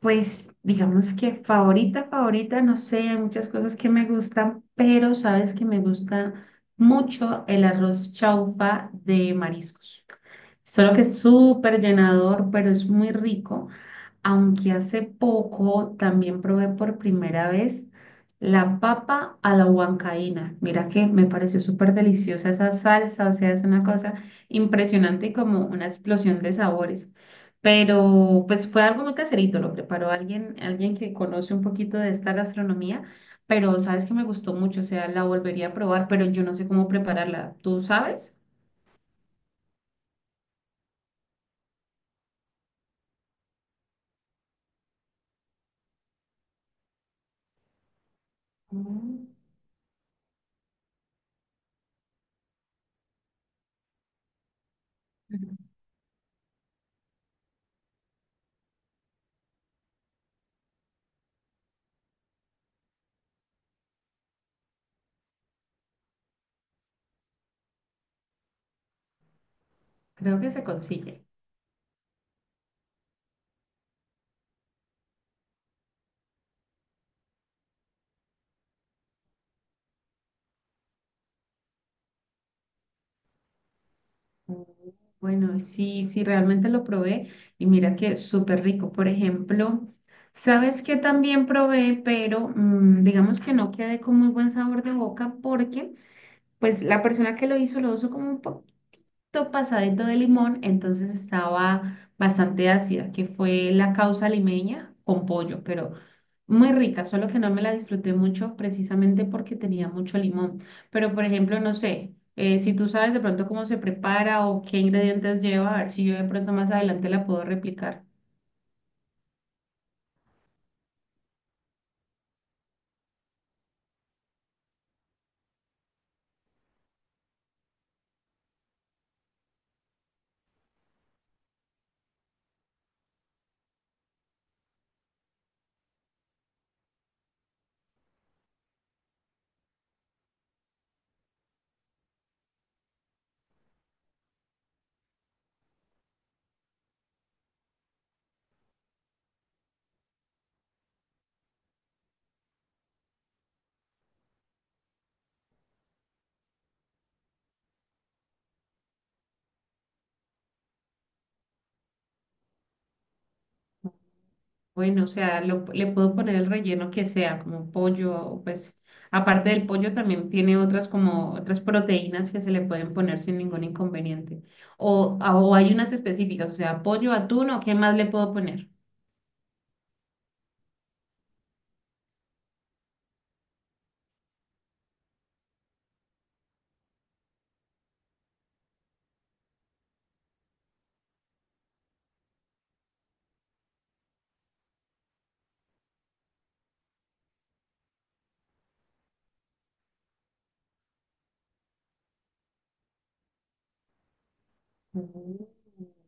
Pues digamos que favorita, favorita, no sé, hay muchas cosas que me gustan, pero sabes que me gusta mucho el arroz chaufa de mariscos. Solo que es súper llenador, pero es muy rico, aunque hace poco también probé por primera vez la papa a la huancaína. Mira que me pareció súper deliciosa esa salsa, o sea, es una cosa impresionante y como una explosión de sabores. Pero pues fue algo muy caserito, lo preparó alguien, alguien que conoce un poquito de esta gastronomía, pero sabes que me gustó mucho, o sea, la volvería a probar, pero yo no sé cómo prepararla. ¿Tú sabes? Mm. Creo que se consigue. Bueno, sí, sí, realmente lo probé y mira que súper rico. Por ejemplo, sabes que también probé, pero digamos que no quedé con muy buen sabor de boca porque pues la persona que lo hizo como un pasadito de limón, entonces estaba bastante ácida, que fue la causa limeña con pollo, pero muy rica, solo que no me la disfruté mucho precisamente porque tenía mucho limón. Pero, por ejemplo, no sé, si tú sabes de pronto cómo se prepara o qué ingredientes lleva, a ver si yo de pronto más adelante la puedo replicar. Bueno, o sea, le puedo poner el relleno que sea, como pollo, o pues aparte del pollo también tiene otras como otras proteínas que se le pueden poner sin ningún inconveniente. O, o hay unas específicas, o sea, pollo, atún o qué más le puedo poner. Mm.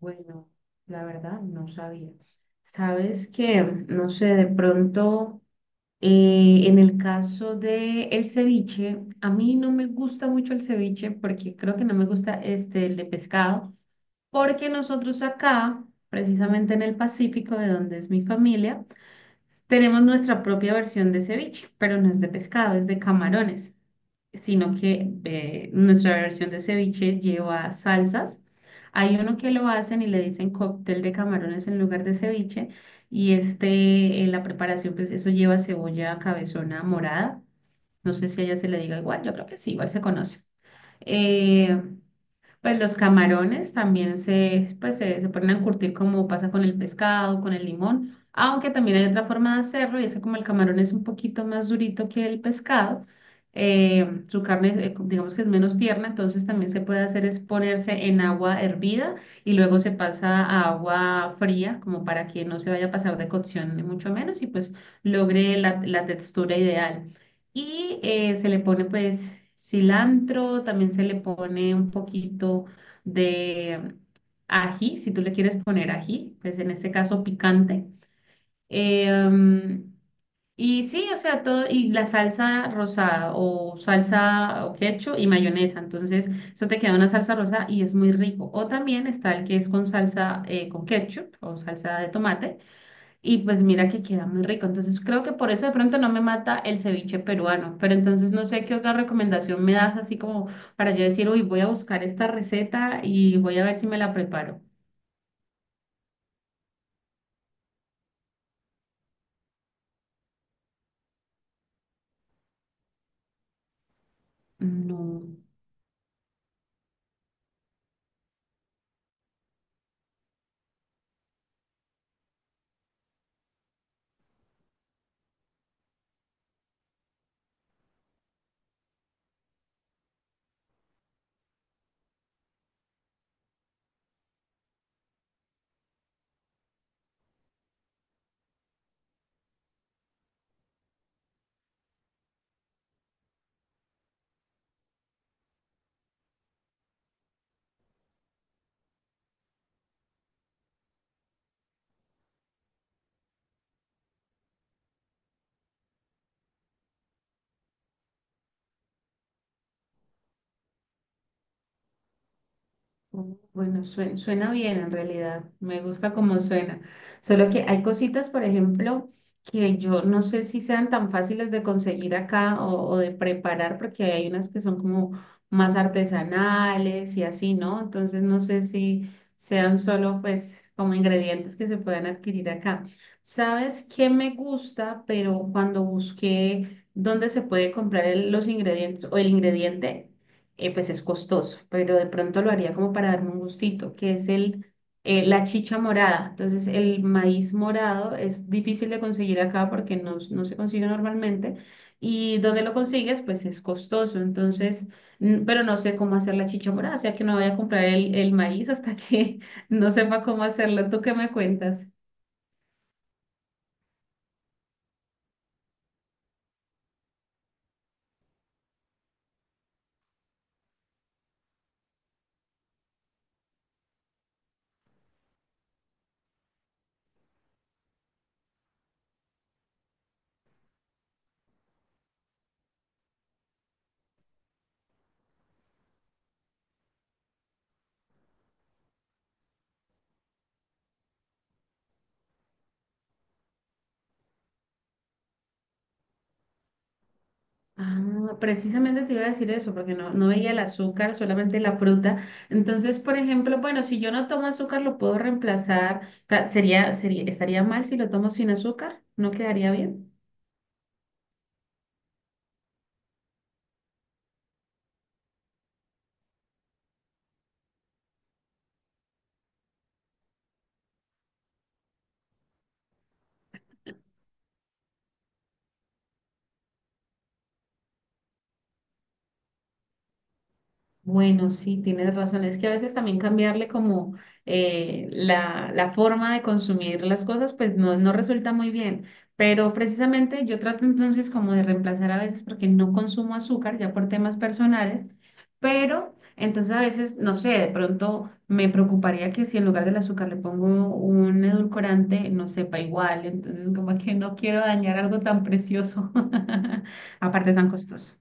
Bueno, la verdad no sabía. ¿Sabes que no sé, de pronto en el caso de el ceviche, a mí no me gusta mucho el ceviche porque creo que no me gusta este el de pescado? Porque nosotros acá, precisamente en el Pacífico, de donde es mi familia, tenemos nuestra propia versión de ceviche, pero no es de pescado, es de camarones, sino que nuestra versión de ceviche lleva salsas. Hay uno que lo hacen y le dicen cóctel de camarones en lugar de ceviche, y este, la preparación, pues eso lleva cebolla cabezona morada. No sé si allá se le diga igual, yo creo que sí, igual se conoce. Eh, pues los camarones también se, pues se ponen a curtir como pasa con el pescado, con el limón, aunque también hay otra forma de hacerlo y es que como el camarón es un poquito más durito que el pescado, su carne es, digamos que es menos tierna, entonces también se puede hacer es ponerse en agua hervida y luego se pasa a agua fría como para que no se vaya a pasar de cocción ni mucho menos y pues logre la textura ideal. Y se le pone pues cilantro, también se le pone un poquito de ají, si tú le quieres poner ají, pues en este caso picante. Em, y sí, o sea, todo, y la salsa rosada o salsa o ketchup y mayonesa. Entonces, eso te queda una salsa rosada y es muy rico. O también está el que es con salsa, con ketchup o salsa de tomate y pues mira que queda muy rico. Entonces creo que por eso de pronto no me mata el ceviche peruano. Pero entonces no sé qué otra recomendación me das así como para yo decir, uy, voy a buscar esta receta y voy a ver si me la preparo. No. Mm. Bueno, suena bien en realidad, me gusta como suena. Solo que hay cositas, por ejemplo, que yo no sé si sean tan fáciles de conseguir acá o de preparar, porque hay unas que son como más artesanales y así, ¿no? Entonces no sé si sean solo pues como ingredientes que se puedan adquirir acá. ¿Sabes qué me gusta? Pero cuando busqué dónde se puede comprar los ingredientes o el ingrediente pues es costoso, pero de pronto lo haría como para darme un gustito, que es el, la chicha morada. Entonces, el maíz morado es difícil de conseguir acá porque no, no se consigue normalmente. Y donde lo consigues, pues es costoso. Entonces, pero no sé cómo hacer la chicha morada, o sea que no voy a comprar el maíz hasta que no sepa cómo hacerlo. ¿Tú qué me cuentas? Ah, precisamente te iba a decir eso, porque no, no veía el azúcar, solamente la fruta. Entonces, por ejemplo, bueno, si yo no tomo azúcar, lo puedo reemplazar. O sea, sería, sería, estaría mal si lo tomo sin azúcar, ¿no quedaría bien? Bueno, sí, tienes razón. Es que a veces también cambiarle como la, la forma de consumir las cosas, pues no, no resulta muy bien. Pero precisamente yo trato entonces como de reemplazar a veces porque no consumo azúcar ya por temas personales, pero entonces a veces, no sé, de pronto me preocuparía que si en lugar del azúcar le pongo un edulcorante, no sepa igual. Entonces como que no quiero dañar algo tan precioso, aparte tan costoso.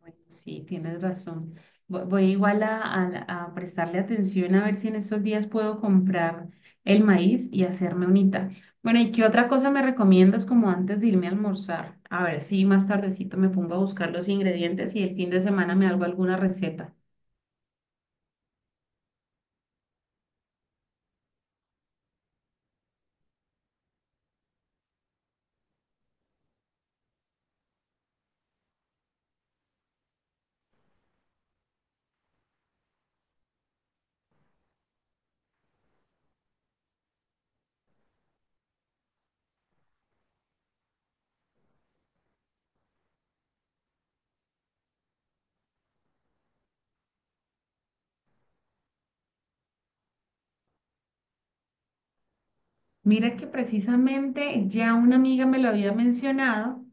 Bueno, sí, tienes razón. Voy igual a, a prestarle atención a ver si en estos días puedo comprar el maíz y hacerme unita. Bueno, ¿y qué otra cosa me recomiendas como antes de irme a almorzar? A ver si más tardecito me pongo a buscar los ingredientes y el fin de semana me hago alguna receta. Mira que precisamente ya una amiga me lo había mencionado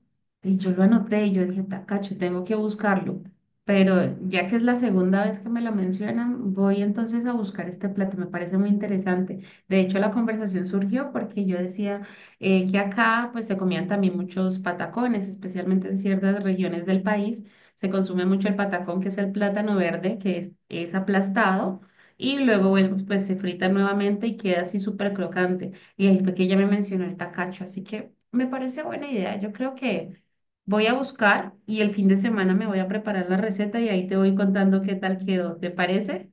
y yo lo anoté y yo dije, tacacho, tengo que buscarlo. Pero ya que es la segunda vez que me lo mencionan, voy entonces a buscar este plato. Me parece muy interesante. De hecho, la conversación surgió porque yo decía que acá pues se comían también muchos patacones, especialmente en ciertas regiones del país. Se consume mucho el patacón, que es el plátano verde, que es aplastado y luego, bueno, pues se frita nuevamente y queda así súper crocante. Y ahí fue que ella me mencionó el tacacho, así que me parece buena idea. Yo creo que voy a buscar y el fin de semana me voy a preparar la receta y ahí te voy contando qué tal quedó. ¿Te parece?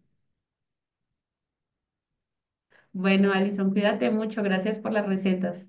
Bueno, Alison, cuídate mucho. Gracias por las recetas.